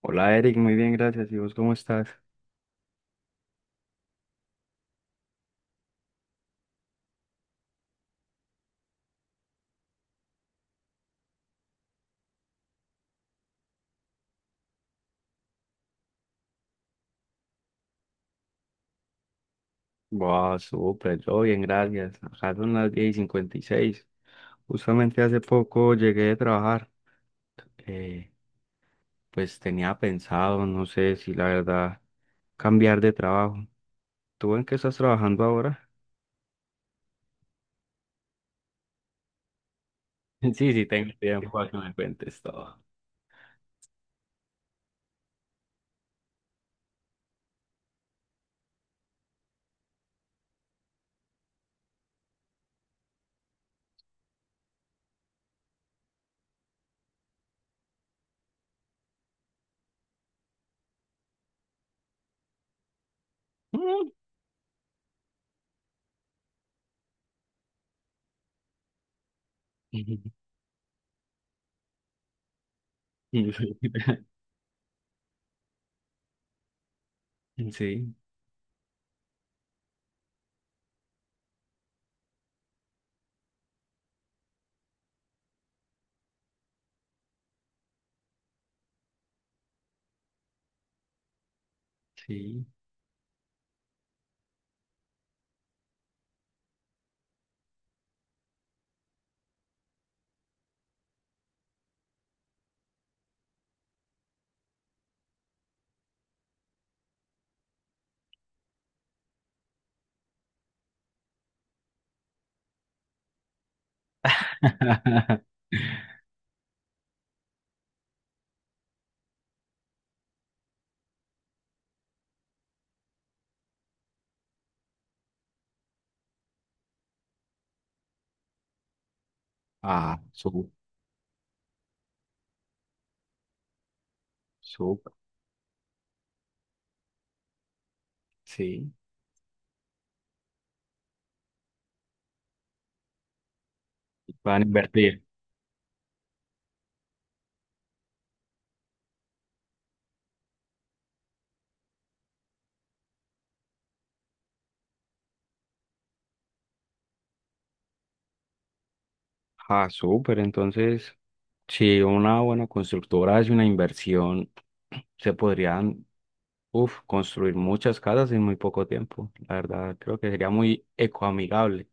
Hola Eric, muy bien, gracias. ¿Y vos cómo estás? Wow, súper, yo bien, gracias. Acá son las 10 y cincuenta y seis. Justamente hace poco llegué de trabajar. Eh, pues tenía pensado, no sé si la verdad, cambiar de trabajo. ¿Tú en qué estás trabajando ahora? Sí, tengo tiempo a que me cuentes todo. Sí, sí. Ah, súper, súper, sí. Van a invertir. Ah, súper, entonces. Si una buena constructora hace una inversión, se podrían, uf, construir muchas casas en muy poco tiempo. La verdad, creo que sería muy ecoamigable.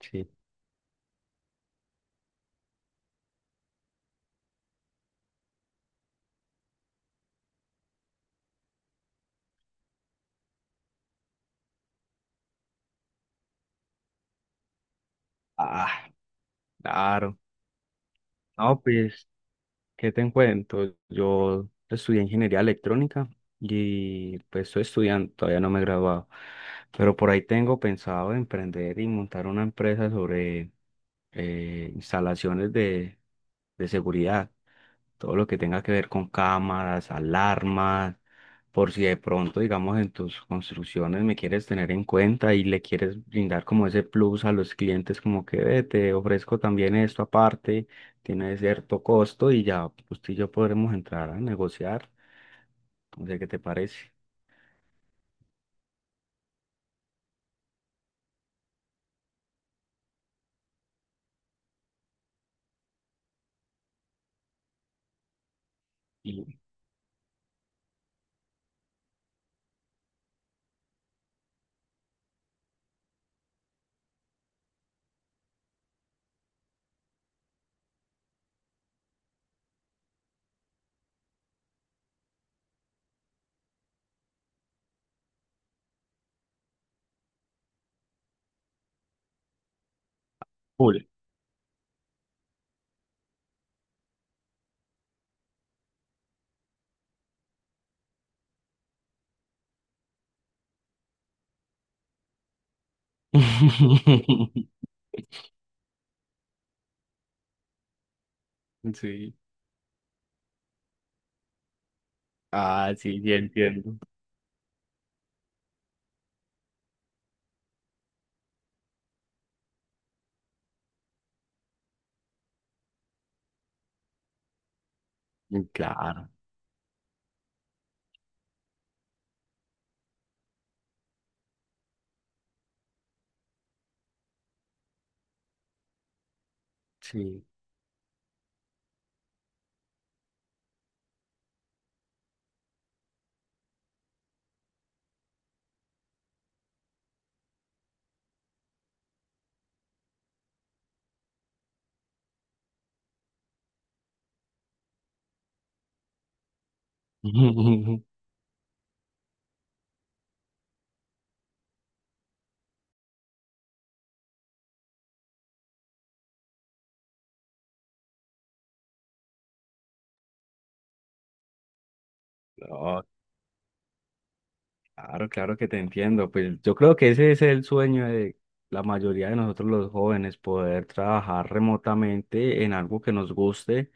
Sí. Ah, claro. No, pues. ¿Qué te cuento? Yo estudié ingeniería electrónica y pues estoy estudiando, todavía no me he graduado, pero por ahí tengo pensado emprender y montar una empresa sobre instalaciones de seguridad, todo lo que tenga que ver con cámaras, alarmas, por si de pronto, digamos, en tus construcciones me quieres tener en cuenta y le quieres brindar como ese plus a los clientes, como que "Ve, te ofrezco también esto aparte, tiene cierto costo y ya usted y yo podremos entrar a negociar". No sé qué te parece. Y full. Sí. Ah, sí, ya entiendo. Claro, sí. No, claro, claro que te entiendo. Pues yo creo que ese es el sueño de la mayoría de nosotros los jóvenes, poder trabajar remotamente en algo que nos guste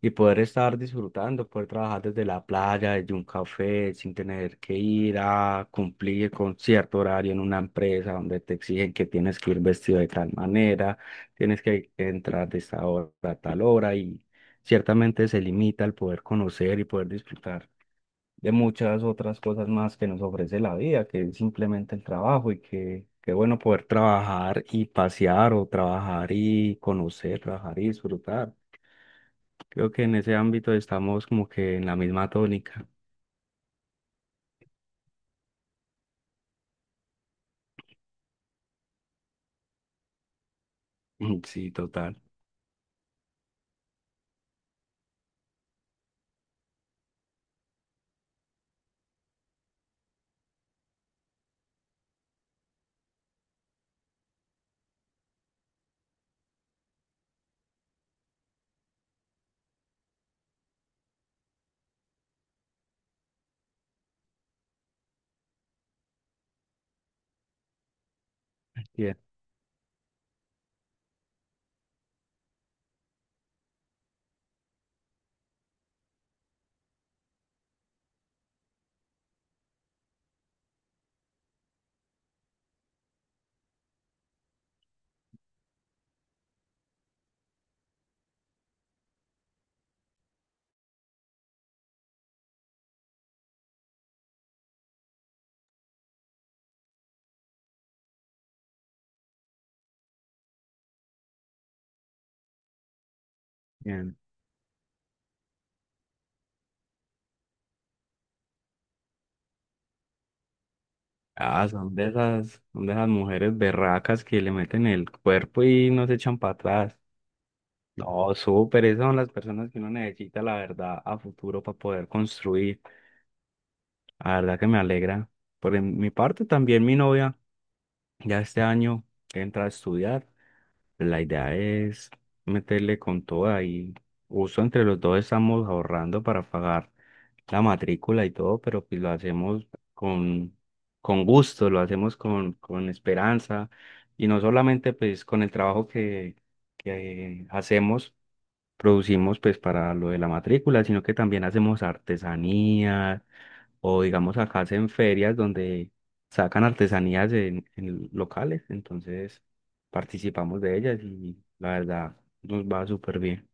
y poder estar disfrutando, poder trabajar desde la playa, desde un café, sin tener que ir a cumplir con cierto horario en una empresa donde te exigen que tienes que ir vestido de tal manera, tienes que entrar de esta hora a tal hora y ciertamente se limita el poder conocer y poder disfrutar de muchas otras cosas más que nos ofrece la vida, que es simplemente el trabajo y que... Qué bueno poder trabajar y pasear o trabajar y conocer, trabajar y disfrutar. Creo que en ese ámbito estamos como que en la misma tónica. Sí, total. Bien, bien. Ah, son de esas mujeres berracas que le meten el cuerpo y no se echan para atrás. No, súper, esas son las personas que uno necesita, la verdad, a futuro para poder construir. La verdad que me alegra. Mi parte, también mi novia ya este año entra a estudiar. La idea es meterle con toda y uso entre los dos estamos ahorrando para pagar la matrícula y todo, pero pues lo hacemos con, con gusto, lo hacemos con esperanza y no solamente pues con el trabajo que hacemos, producimos pues para lo de la matrícula, sino que también hacemos artesanías o digamos acá hacen ferias donde sacan artesanías en locales, entonces participamos de ellas y la verdad nos va súper bien.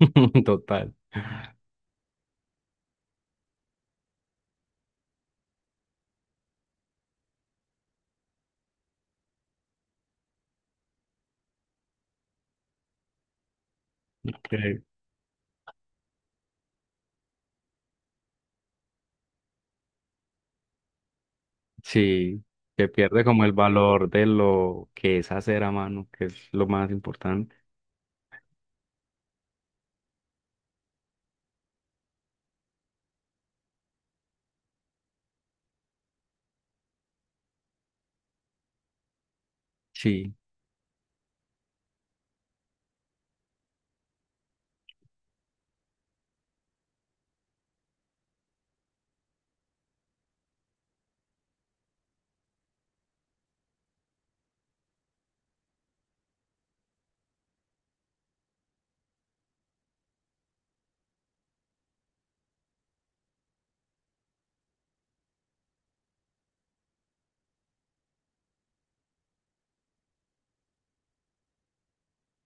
Total. Que- sí, que pierde como el valor de lo que es hacer a mano, que es lo más importante. Sí,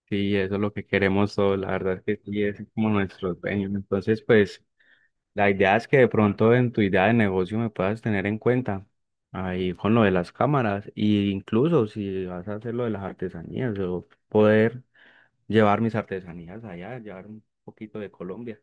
sí, eso es lo que queremos todos, la verdad es que sí, es como nuestro sueño. Entonces, pues... La idea es que de pronto en tu idea de negocio me puedas tener en cuenta ahí con lo de las cámaras e incluso si vas a hacer lo de las artesanías, o poder llevar mis artesanías allá, llevar un poquito de Colombia.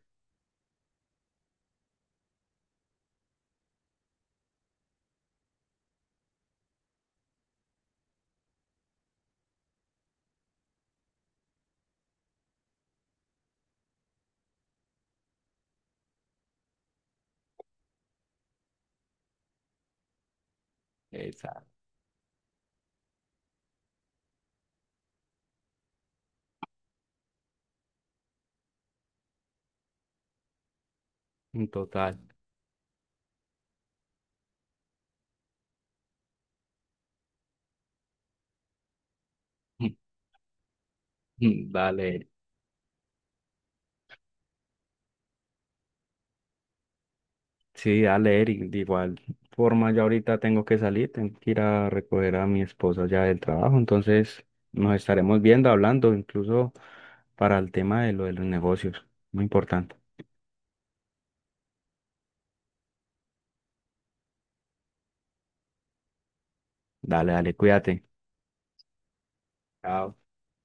Exacto. En total. Dale. Sí, dale, Eric. De igual forma, yo ahorita tengo que salir, tengo que ir a recoger a mi esposa ya del trabajo, entonces nos estaremos viendo, hablando, incluso para el tema de lo de los negocios. Muy importante. Dale, dale, cuídate. Chao.